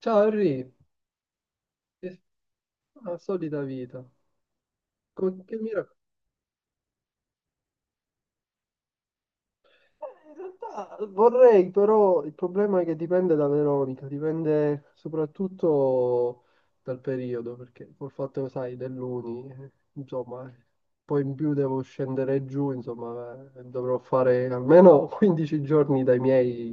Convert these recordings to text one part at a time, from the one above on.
Ciao Henry. Eh, la solita vita. Che mi racconti? In realtà vorrei, però il problema è che dipende da Veronica, dipende soprattutto dal periodo, perché col fatto, sai, dell'Uni, insomma, poi in più devo scendere giù, insomma, dovrò fare almeno 15 giorni dai miei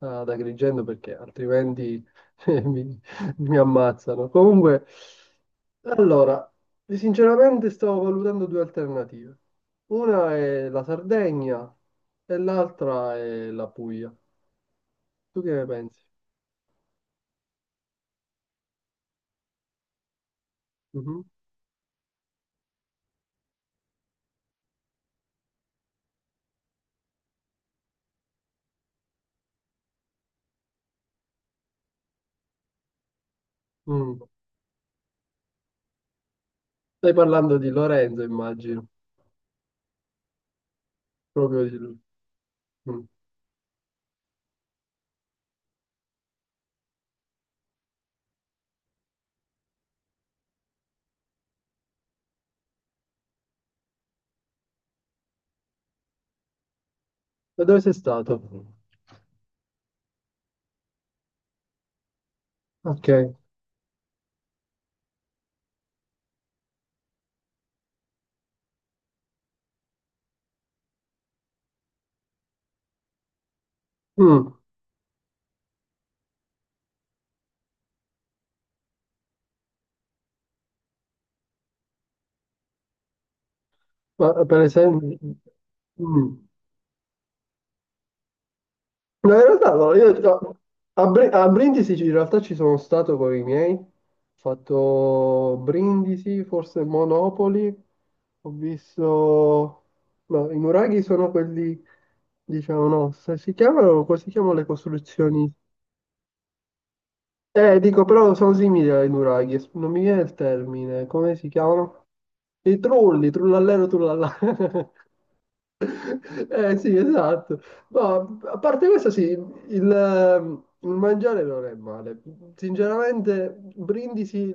ad Agrigento, perché altrimenti eh, mi, mi ammazzano. Comunque, allora, sinceramente stavo valutando due alternative. Una è la Sardegna, e l'altra è la Puglia. Tu che ne pensi? Mhm. Mm. Stai parlando di Lorenzo, immagino. Proprio di lui. Mm. E dove sei stato? Ok. Mm. Ma per esempio... Mm. No, in realtà no, io no. A Brindisi in realtà ci sono stato con i miei. Ho fatto Brindisi, forse Monopoli. Ho visto... No, i nuraghi sono quelli... Diciamo, no, se si chiamano, come si chiamano le costruzioni? Dico, però sono simili alle nuraghi, non mi viene il termine, come si chiamano? I trulli, trullallero, trullallà. Eh sì, esatto. No, a parte questo, sì, il mangiare non è male. Sinceramente, Brindisi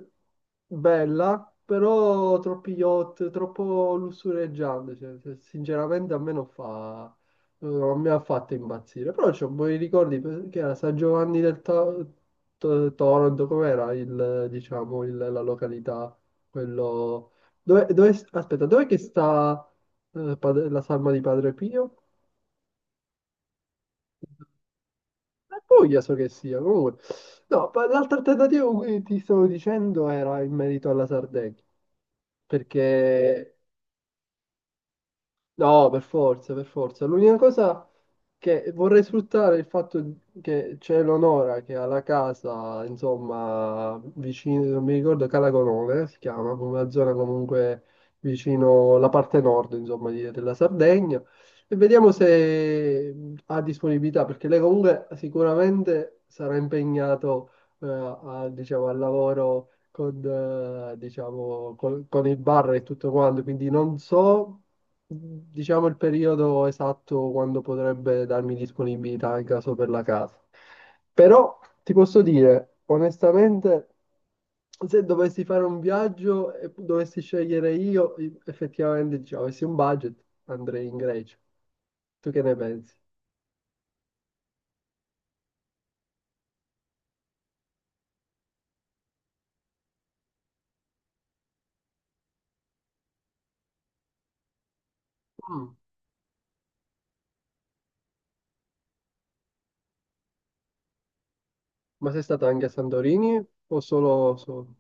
bella, però troppi yacht, troppo lussureggiante. Cioè, sinceramente, a me non fa, non mi ha fatto impazzire. Però c'ho buoni ricordi perché era San Giovanni del Toronto, com'era il, diciamo, la località, quello... Aspetta, dove che sta? La salma di Padre Pio. E poi so che sia, comunque. No, l'altra alternativa che ti stavo dicendo era in merito alla Sardegna, perché No, per forza, per forza. L'unica cosa che vorrei sfruttare è il fatto che c'è l'Onora che ha la casa, insomma, vicino, non mi ricordo, Calagonone si chiama, come una zona comunque vicino la parte nord, insomma, della Sardegna. E vediamo se ha disponibilità, perché lei comunque sicuramente sarà impegnato, al, diciamo, al lavoro con, diciamo, con il bar e tutto quanto, quindi non so diciamo il periodo esatto quando potrebbe darmi disponibilità in caso per la casa. Però ti posso dire, onestamente, se dovessi fare un viaggio e dovessi scegliere io, effettivamente, diciamo, avessi un budget, andrei in Grecia. Tu che ne pensi? Mm. Ma sei stato anche a Santorini o solo... solo?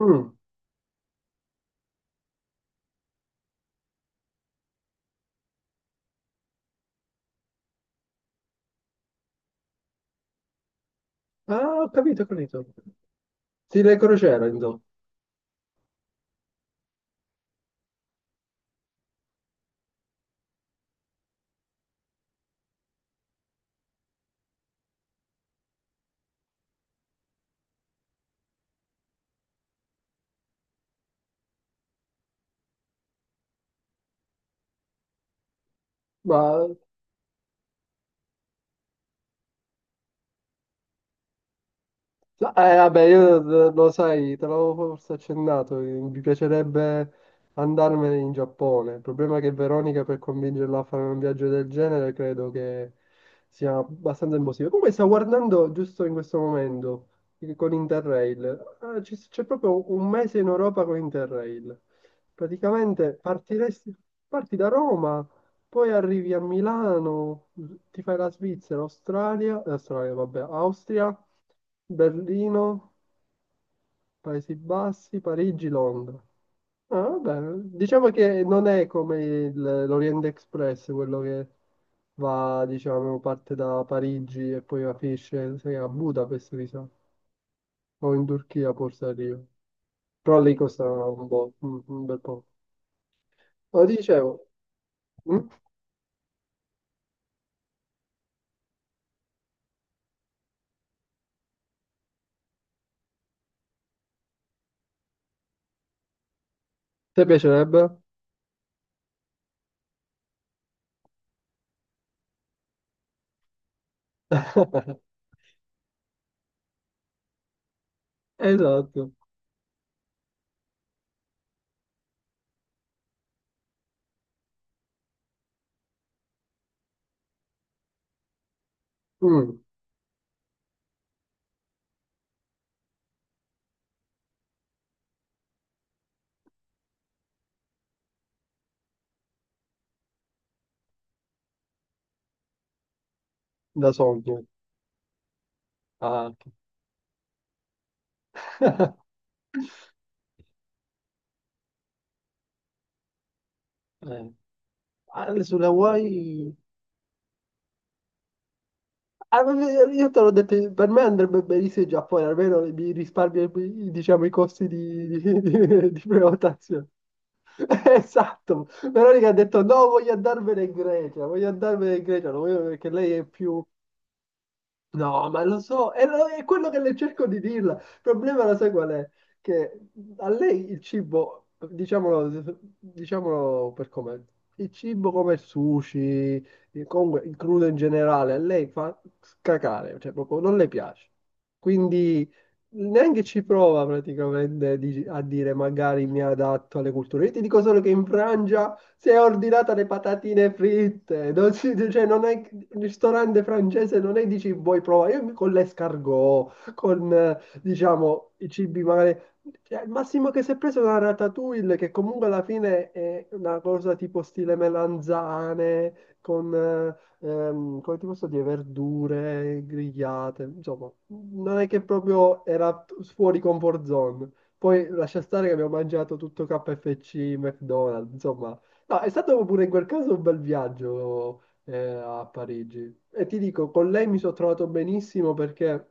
Mm. Ah, ho capito, ho capito. Sì, le crociere, insomma. Ma no, vabbè, io lo sai, te l'avevo forse accennato, mi piacerebbe andarmene in Giappone. Il problema è che Veronica per convincerla a fare un viaggio del genere credo che sia abbastanza impossibile. Comunque sta guardando giusto in questo momento con Interrail. C'è proprio un mese in Europa con Interrail. Praticamente partiresti, parti da Roma. Poi arrivi a Milano, ti fai la Svizzera, Australia, Austria, Berlino, Paesi Bassi, Parigi, Londra. Ah, vabbè, diciamo che non è come l'Orient Express, quello che va, diciamo, parte da Parigi e poi finisce a Budapest, mi sa, o in Turchia forse arriva. Però lì costa un po', un bel po'. Ma dicevo, mm? Ti piacerebbe? Esatto. Mm. ده صعب آه. Eh. Ah, sulla Hawaii ah, ma io te l'ho detto per me andrebbe benissimo il Giappone almeno mi risparmio diciamo i costi di di prenotazione. Esatto. Veronica ha detto no voglio andarmene in Grecia voglio andarmene in Grecia non voglio- perché lei è più no, ma lo so, è quello che le cerco di dirla. Il problema lo sai qual è? Che a lei il cibo, diciamolo, diciamolo per com'è, il cibo come il sushi, comunque il crudo in generale, a lei fa cacare, cioè proprio non le piace. Quindi neanche ci prova praticamente a dire magari mi adatto alle culture. Io ti dico solo che in Francia si è ordinata le patatine fritte, non si- cioè non è, il ristorante francese non è dici vuoi provare, io con l'escargot, con diciamo i cibi magari, cioè, al massimo che si è preso una ratatouille che comunque alla fine è una cosa tipo stile melanzane, con, come ti posso dire, verdure grigliate, insomma, non è che proprio era fuori comfort zone. Poi lascia stare che abbiamo mangiato tutto KFC, McDonald's, insomma, no, è stato pure in quel caso un bel viaggio a Parigi. E ti dico, con lei mi sono trovato benissimo perché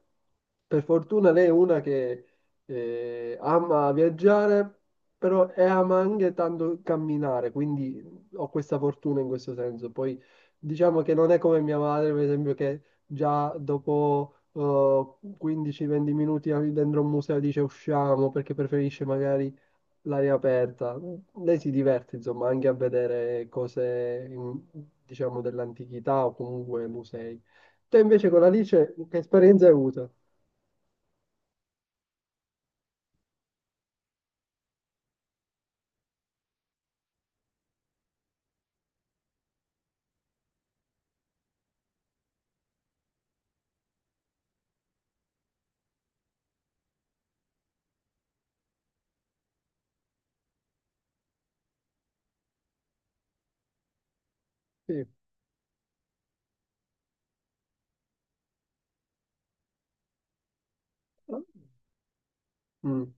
per fortuna lei è una che ama viaggiare, però e ama anche tanto camminare, quindi ho questa fortuna in questo senso. Poi diciamo che non è come mia madre, per esempio, che già dopo 15-20 minuti dentro un museo dice usciamo perché preferisce magari l'aria aperta. Lei si diverte, insomma, anche a vedere cose, in- diciamo, dell'antichità o comunque musei. Te invece con Alice che esperienza hai avuto? Sì. Mm.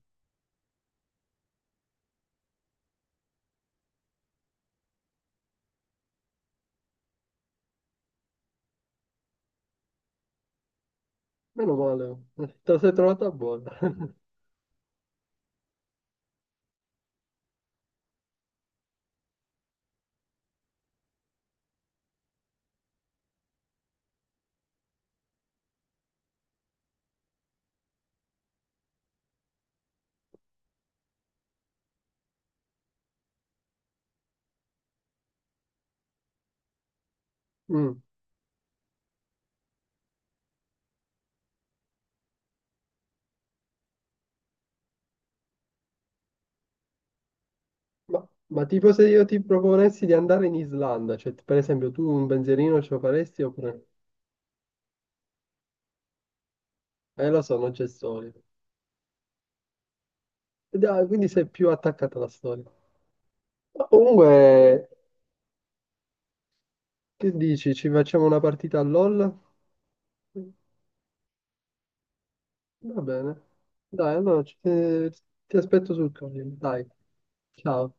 Meno male, te la sei trovata buona. Mm. Ma tipo se io ti proponessi di andare in Islanda, cioè per esempio tu un pensierino ce lo faresti oppure... lo so, non c'è storia. Dai, quindi sei più attaccata alla storia. Ma comunque, che dici? Ci facciamo una partita a LOL? Va bene. Dai, allora ci- ti aspetto sul Colle. Dai, ciao.